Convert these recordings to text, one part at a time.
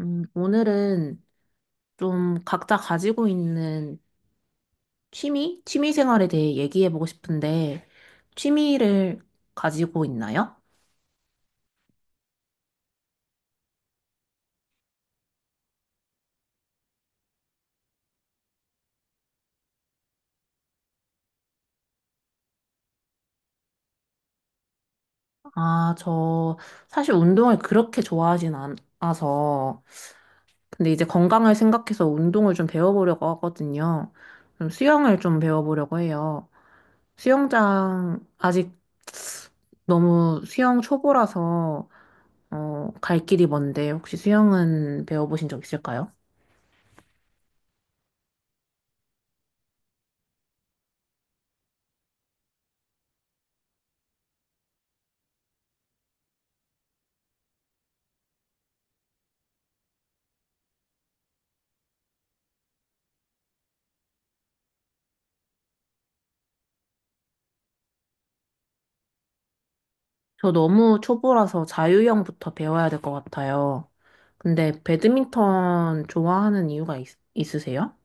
오늘은 좀 각자 가지고 있는 취미 생활에 대해 얘기해 보고 싶은데, 취미를 가지고 있나요? 아, 저 사실 운동을 그렇게 좋아하진 않아서, 근데 이제 건강을 생각해서 운동을 좀 배워보려고 하거든요. 그럼 수영을 좀 배워보려고 해요. 수영장, 아직 너무 수영 초보라서, 갈 길이 먼데, 혹시 수영은 배워보신 적 있을까요? 저 너무 초보라서 자유형부터 배워야 될 것 같아요. 근데 배드민턴 좋아하는 이유가 있으세요?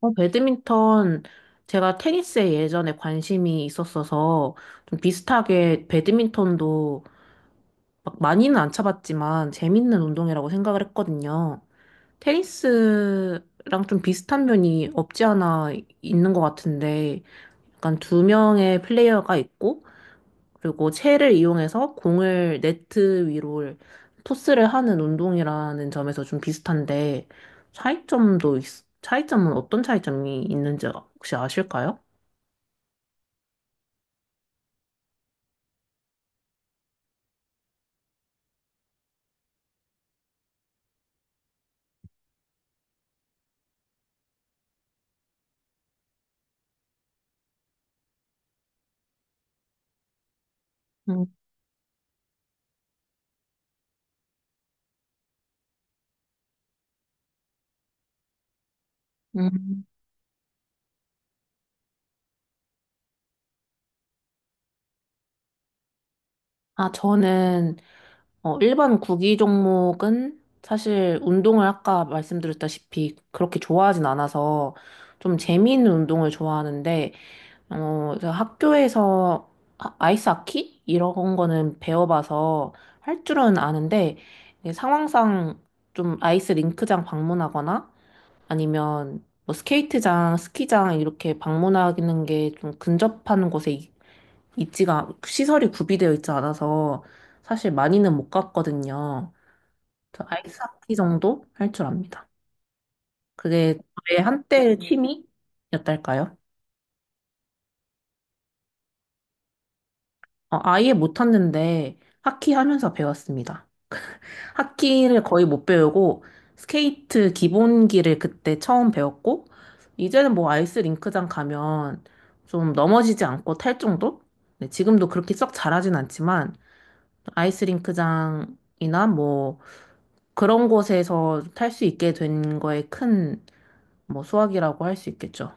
배드민턴, 제가 테니스에 예전에 관심이 있었어서 좀 비슷하게 배드민턴도 막 많이는 안 쳐봤지만 재밌는 운동이라고 생각을 했거든요. 테니스랑 좀 비슷한 면이 없지 않아 있는 것 같은데, 약간 두 명의 플레이어가 있고 그리고 체를 이용해서 공을 네트 위로 토스를 하는 운동이라는 점에서 좀 비슷한데, 차이점도 있, 차이점은 어떤 차이점이 있는지 혹시 아실까요? 음. 음. 아, 저는 일반 구기 종목은 사실 운동을 아까 말씀드렸다시피 그렇게 좋아하진 않아서 좀 재미있는 운동을 좋아하는데, 그래서 학교에서 아이스 하키? 이런 거는 배워봐서 할 줄은 아는데, 이게 상황상 좀 아이스 링크장 방문하거나 아니면 뭐 스케이트장, 스키장 이렇게 방문하는 게 좀 근접한 곳에 있지가, 시설이 구비되어 있지 않아서 사실 많이는 못 갔거든요. 저 아이스 하키 정도 할 줄 압니다. 그게 저의 한때 취미였달까요? 아예 못 탔는데 하키 하면서 배웠습니다. 하키를 거의 못 배우고 스케이트 기본기를 그때 처음 배웠고 이제는 뭐 아이스 링크장 가면 좀 넘어지지 않고 탈 정도? 네, 지금도 그렇게 썩 잘하진 않지만 아이스 링크장이나 뭐 그런 곳에서 탈 수 있게 된 거에 큰 뭐 수확이라고 할 수 있겠죠.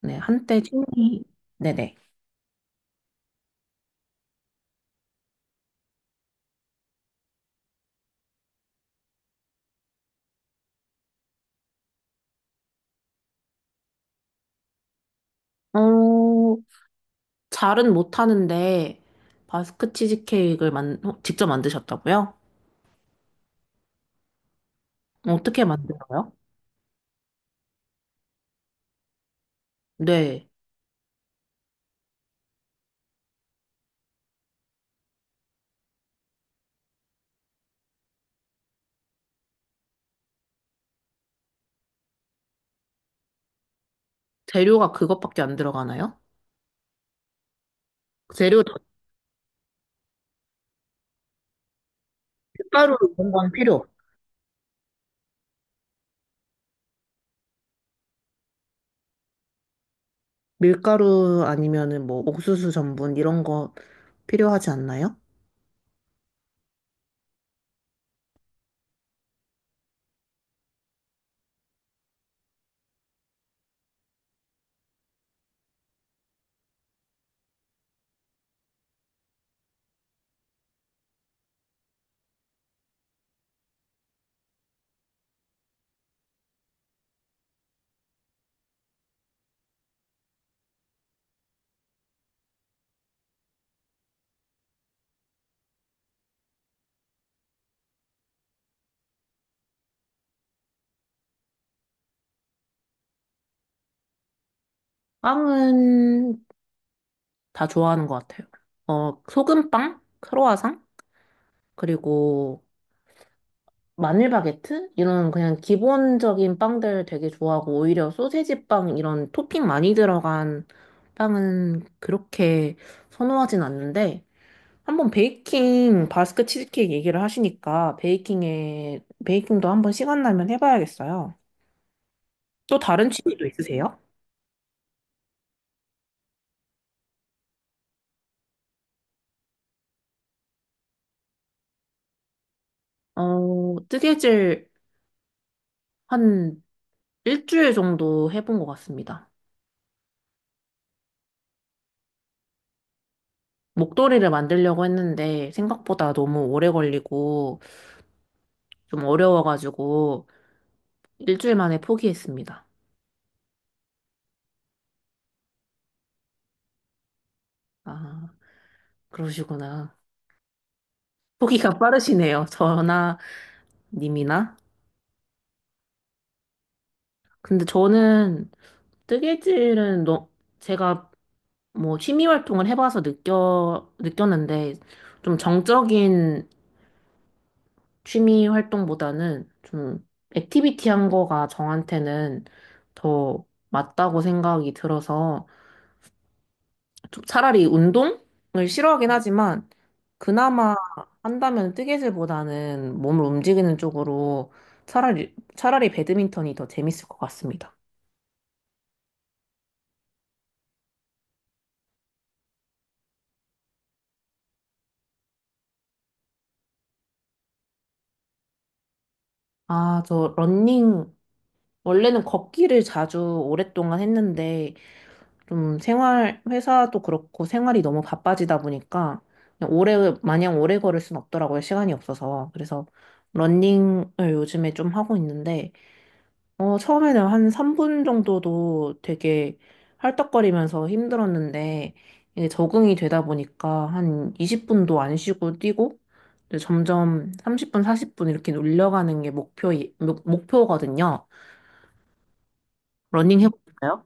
네, 한때 취미. 네네. 어, 잘은 못하는데 바스크 치즈케이크를 직접 만드셨다고요? 어떻게 만들어요? 네. 재료가 그것밖에 안 들어가나요? 재료 다 밀가루 이런 건 필요 없, 밀가루 아니면은 뭐 옥수수 전분 이런 거 필요하지 않나요? 빵은 다 좋아하는 것 같아요. 어, 소금빵, 크로와상, 그리고 마늘 바게트? 이런 그냥 기본적인 빵들 되게 좋아하고, 오히려 소세지 빵 이런 토핑 많이 들어간 빵은 그렇게 선호하진 않는데, 한번 베이킹 바스크 치즈케이크 얘기를 하시니까 베이킹에 베이킹도 한번 시간 나면 해봐야겠어요. 또 다른 취미도 있으세요? 어, 뜨개질 한 일주일 정도 해본 것 같습니다. 목도리를 만들려고 했는데 생각보다 너무 오래 걸리고 좀 어려워가지고 일주일 만에 포기했습니다. 아, 그러시구나. 포기가 빠르시네요. 저나 님이나. 근데 저는 뜨개질은 제가 뭐 취미 활동을 해봐서 느꼈는데 좀 정적인 취미 활동보다는 좀 액티비티한 거가 저한테는 더 맞다고 생각이 들어서, 차라리 운동을 싫어하긴 하지만 그나마 한다면 뜨개질보다는 몸을 움직이는 쪽으로 차라리 배드민턴이 더 재밌을 것 같습니다. 아, 저 러닝 원래는 걷기를 자주 오랫동안 했는데 좀 생활 회사도 그렇고 생활이 너무 바빠지다 보니까 그냥 오래 마냥 오래 걸을 순 없더라고요. 시간이 없어서. 그래서 러닝을 요즘에 좀 하고 있는데, 처음에는 한 3분 정도도 되게 헐떡거리면서 힘들었는데, 이제 적응이 되다 보니까 한 20분도 안 쉬고 뛰고, 이제 점점 30분, 40분 이렇게 올려가는 게 목표거든요. 러닝 해볼까요?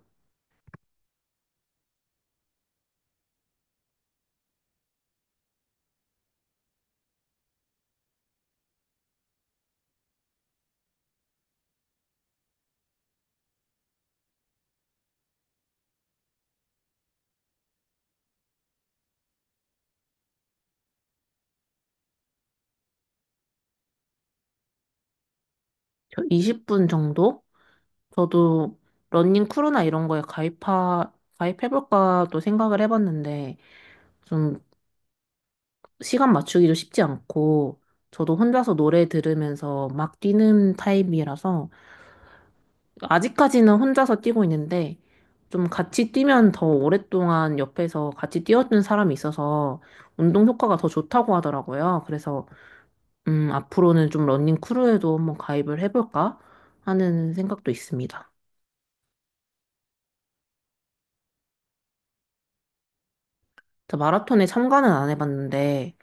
저 20분 정도? 저도 러닝 크루나 이런 거에 가입해볼까도 생각을 해봤는데, 좀 시간 맞추기도 쉽지 않고, 저도 혼자서 노래 들으면서 막 뛰는 타입이라서 아직까지는 혼자서 뛰고 있는데, 좀 같이 뛰면 더 오랫동안 옆에서 같이 뛰어주는 사람이 있어서 운동 효과가 더 좋다고 하더라고요. 그래서 앞으로는 좀 러닝 크루에도 한번 가입을 해볼까 하는 생각도 있습니다. 저 마라톤에 참가는 안 해봤는데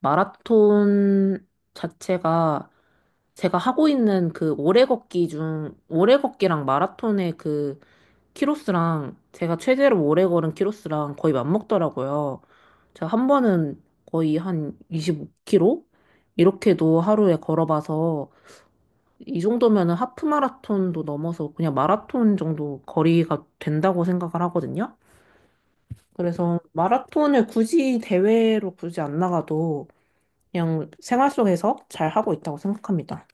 마라톤 자체가 제가 하고 있는 그 오래 걷기 중 오래 걷기랑 마라톤의 그 키로스랑 제가 최대로 오래 걸은 키로스랑 거의 맞먹더라고요. 제가 한 번은 거의 한 25km 이렇게도 하루에 걸어봐서 이 정도면은 하프 마라톤도 넘어서 그냥 마라톤 정도 거리가 된다고 생각을 하거든요. 그래서 마라톤을 굳이 대회로 굳이 안 나가도 그냥 생활 속에서 잘 하고 있다고 생각합니다.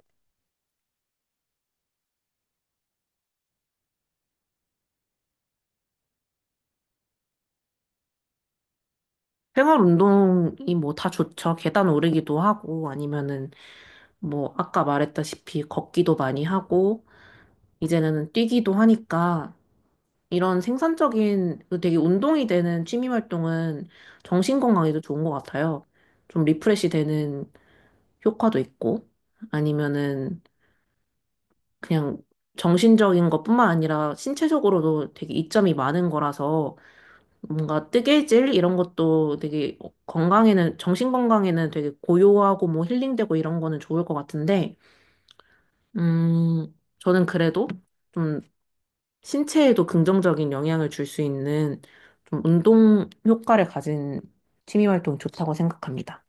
생활 운동이 뭐 다 좋죠. 계단 오르기도 하고, 아니면은 뭐 아까 말했다시피 걷기도 많이 하고, 이제는 뛰기도 하니까 이런 생산적인 그 되게 운동이 되는 취미 활동은 정신 건강에도 좋은 것 같아요. 좀 리프레시 되는 효과도 있고, 아니면은 그냥 정신적인 것뿐만 아니라 신체적으로도 되게 이점이 많은 거라서 뭔가 뜨개질 이런 것도 되게 건강에는, 정신 건강에는 되게 고요하고 뭐 힐링되고 이런 거는 좋을 것 같은데, 음, 저는 그래도 좀 신체에도 긍정적인 영향을 줄 수 있는 좀 운동 효과를 가진 취미 활동 좋다고 생각합니다.